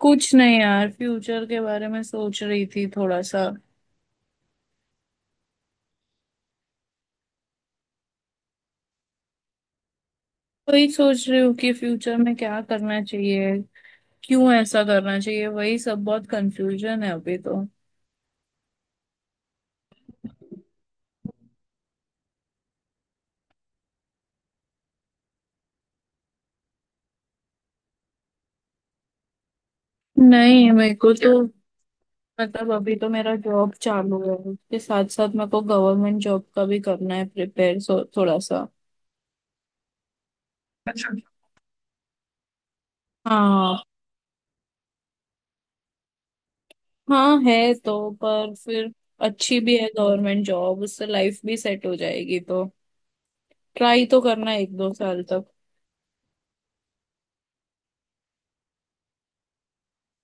कुछ नहीं यार, फ्यूचर के बारे में सोच रही थी थोड़ा सा। वही सोच रही हूँ कि फ्यूचर में क्या करना चाहिए, क्यों ऐसा करना चाहिए, वही सब। बहुत कंफ्यूजन है अभी तो। नहीं, मेरे को तो मतलब अभी तो मेरा जॉब चालू है, उसके साथ साथ मेरे को गवर्नमेंट जॉब का भी करना है प्रिपेयर, सो थोड़ा सा। हाँ। हाँ है तो, पर फिर अच्छी भी है गवर्नमेंट जॉब, उससे लाइफ भी सेट हो जाएगी, तो ट्राई तो करना है एक दो साल तक।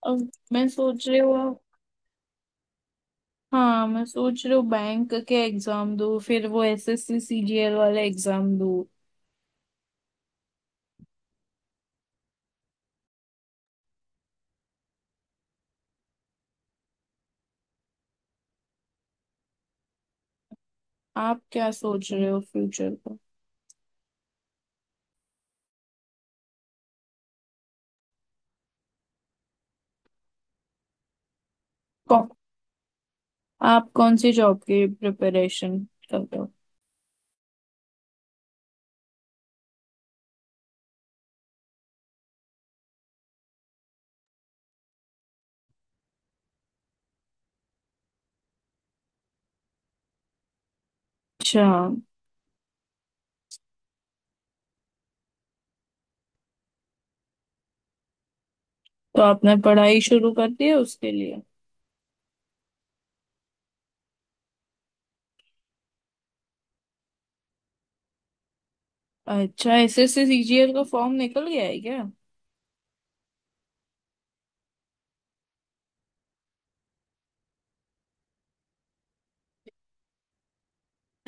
अब मैं सोच रही हूँ। हाँ, मैं सोच रही हूँ बैंक के एग्जाम दो, फिर वो एसएससी सीजीएल वाला एग्जाम दो। आप क्या सोच रहे हो फ्यूचर का? कौन आप कौन सी जॉब की प्रिपरेशन कर रहे हो? अच्छा। तो आपने पढ़ाई शुरू कर दी है उसके लिए? अच्छा, एसएससी सीजीएल का फॉर्म निकल गया है क्या?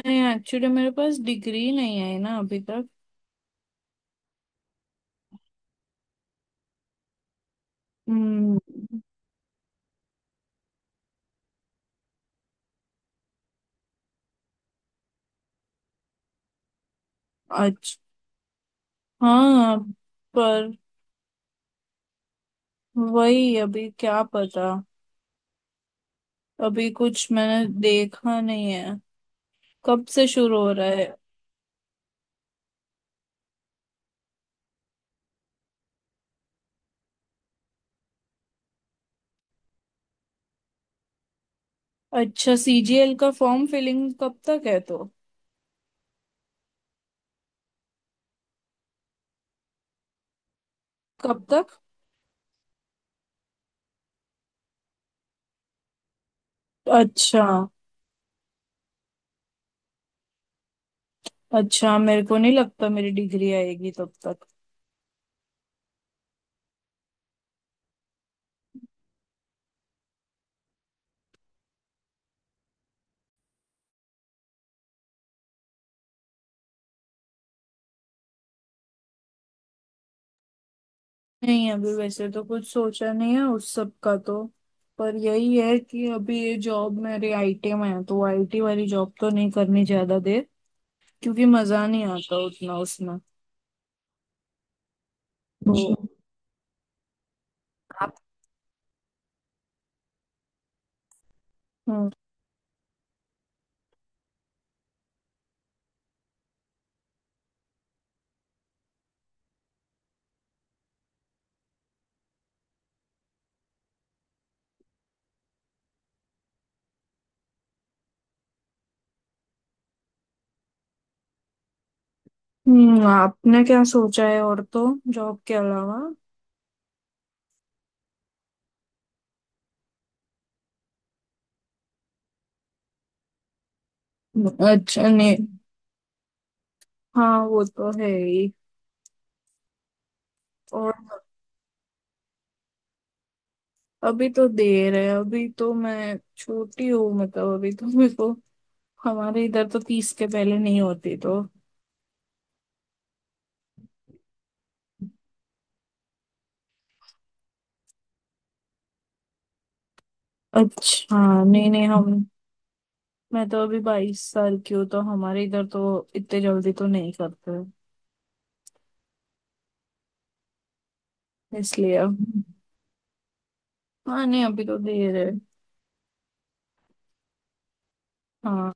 नहीं, एक्चुअली मेरे पास डिग्री नहीं आई ना अभी तक। हम्म। अच्छा। हाँ। पर वही, अभी क्या पता, अभी कुछ मैंने देखा नहीं है। कब से शुरू हो रहा है? अच्छा, सीजीएल का फॉर्म फिलिंग कब तक है तो? कब तक? अच्छा। अच्छा, मेरे को नहीं लगता मेरी डिग्री आएगी तब तक। नहीं, अभी वैसे तो कुछ सोचा नहीं है उस सब का तो। पर यही है कि अभी ये जॉब मेरी आईटी में है, तो आईटी वाली जॉब तो नहीं करनी ज्यादा देर, क्योंकि मजा नहीं आता उतना उसमें। तो जी। आप। हम्म। आपने क्या सोचा है और, तो जॉब के अलावा? अच्छा। नहीं, हाँ वो तो है ही। और अभी तो देर है, अभी तो मैं छोटी हूँ, मतलब अभी तो मेरे को, हमारे इधर तो 30 के पहले नहीं होती तो। अच्छा, नहीं नहीं, हम मैं तो अभी 22 साल की हूँ, तो हमारे इधर तो इतने जल्दी तो नहीं करते, इसलिए अब, हाँ नहीं, अभी तो देर है। हाँ।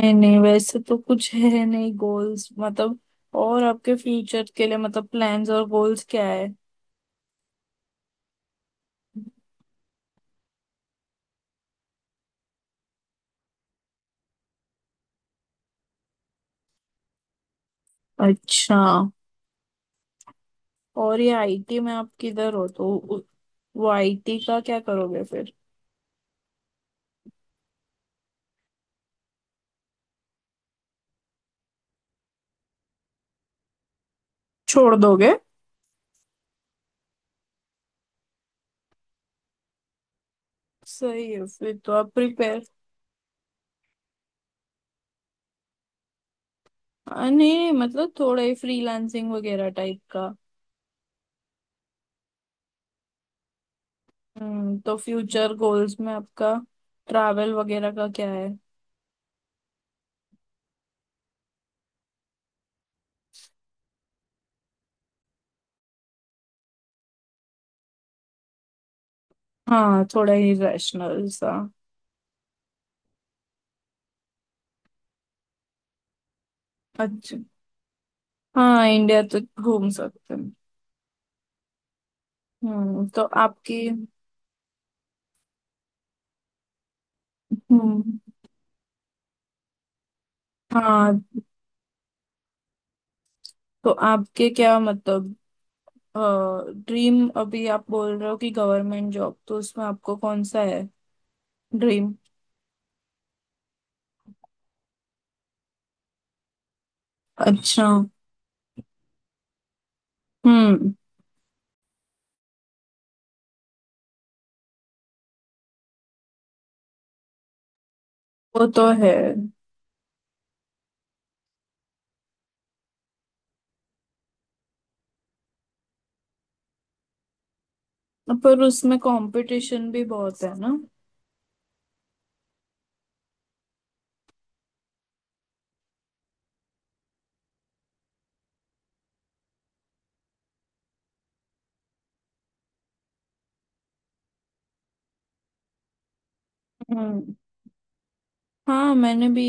नहीं नहीं, वैसे तो कुछ है नहीं गोल्स, मतलब। और आपके फ्यूचर के लिए मतलब प्लान्स और गोल्स क्या है? अच्छा। और ये आईटी में आप किधर हो तो वो आईटी का क्या करोगे फिर? छोड़ दोगे? सही है फिर तो आप प्रिपेयर। नहीं मतलब थोड़ा ही फ्रीलांसिंग वगैरह टाइप का। हम्म, तो फ्यूचर गोल्स में आपका ट्रैवल वगैरह का क्या है? हाँ, थोड़ा ही रैशनल सा। अच्छा। हाँ, इंडिया तो घूम सकते हैं। हम्म, तो आपकी। हम्म। हाँ, तो आपके क्या मतलब ड्रीम, अभी आप बोल रहे हो कि गवर्नमेंट जॉब, तो उसमें आपको कौन सा है ड्रीम? अच्छा। हम्म। वो तो है, पर उसमें कंपटीशन भी बहुत है ना। हम्म। हाँ, मैंने भी,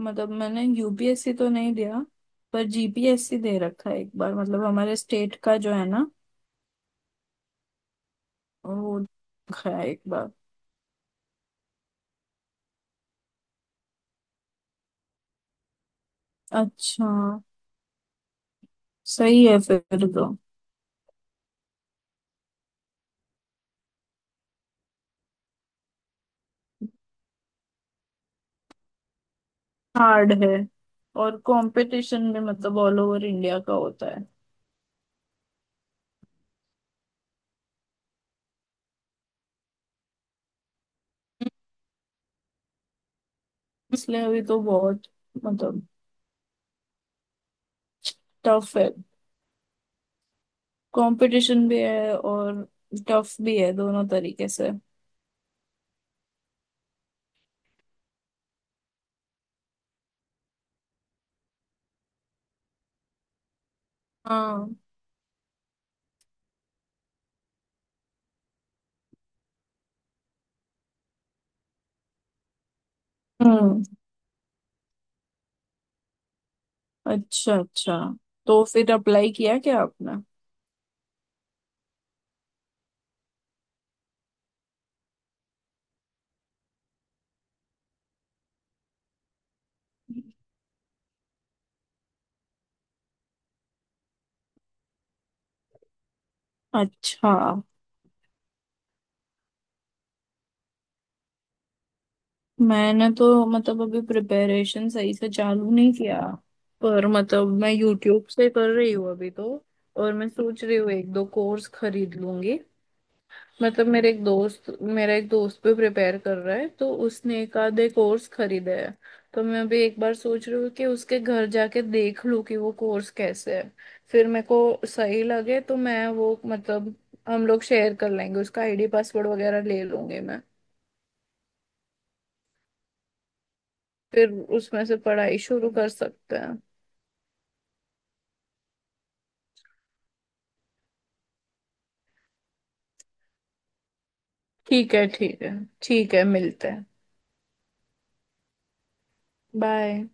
मतलब मैंने यूपीएससी तो नहीं दिया, पर जीपीएससी दे रखा है एक बार, मतलब हमारे स्टेट का जो है ना, वो रखा है एक बार। अच्छा। सही है फिर तो। हार्ड है, और कंपटीशन भी मतलब ऑल ओवर इंडिया का होता है, इसलिए अभी तो बहुत, मतलब टफ है। कंपटीशन भी है और टफ भी है, दोनों तरीके से। हाँ। हम्म, अच्छा अच्छा। तो फिर अप्लाई किया क्या आपने? अच्छा, मैंने तो मतलब अभी प्रिपरेशन सही से चालू नहीं किया, पर मतलब मैं यूट्यूब से कर रही हूँ अभी तो। और मैं सोच रही हूँ एक दो कोर्स खरीद लूंगी, मतलब मेरे एक दोस्त मेरा एक दोस्त भी प्रिपेयर कर रहा है, तो उसने एक आधे कोर्स खरीदे है। तो मैं अभी एक बार सोच रही हूँ कि उसके घर जाके देख लूँ कि वो कोर्स कैसे है। फिर मेरे को सही लगे तो मैं वो, मतलब हम लोग शेयर कर लेंगे, उसका आईडी पासवर्ड वगैरह ले लूंगी मैं। फिर उसमें से पढ़ाई शुरू कर सकते हैं। ठीक है, ठीक है। ठीक है, मिलते हैं। बाय।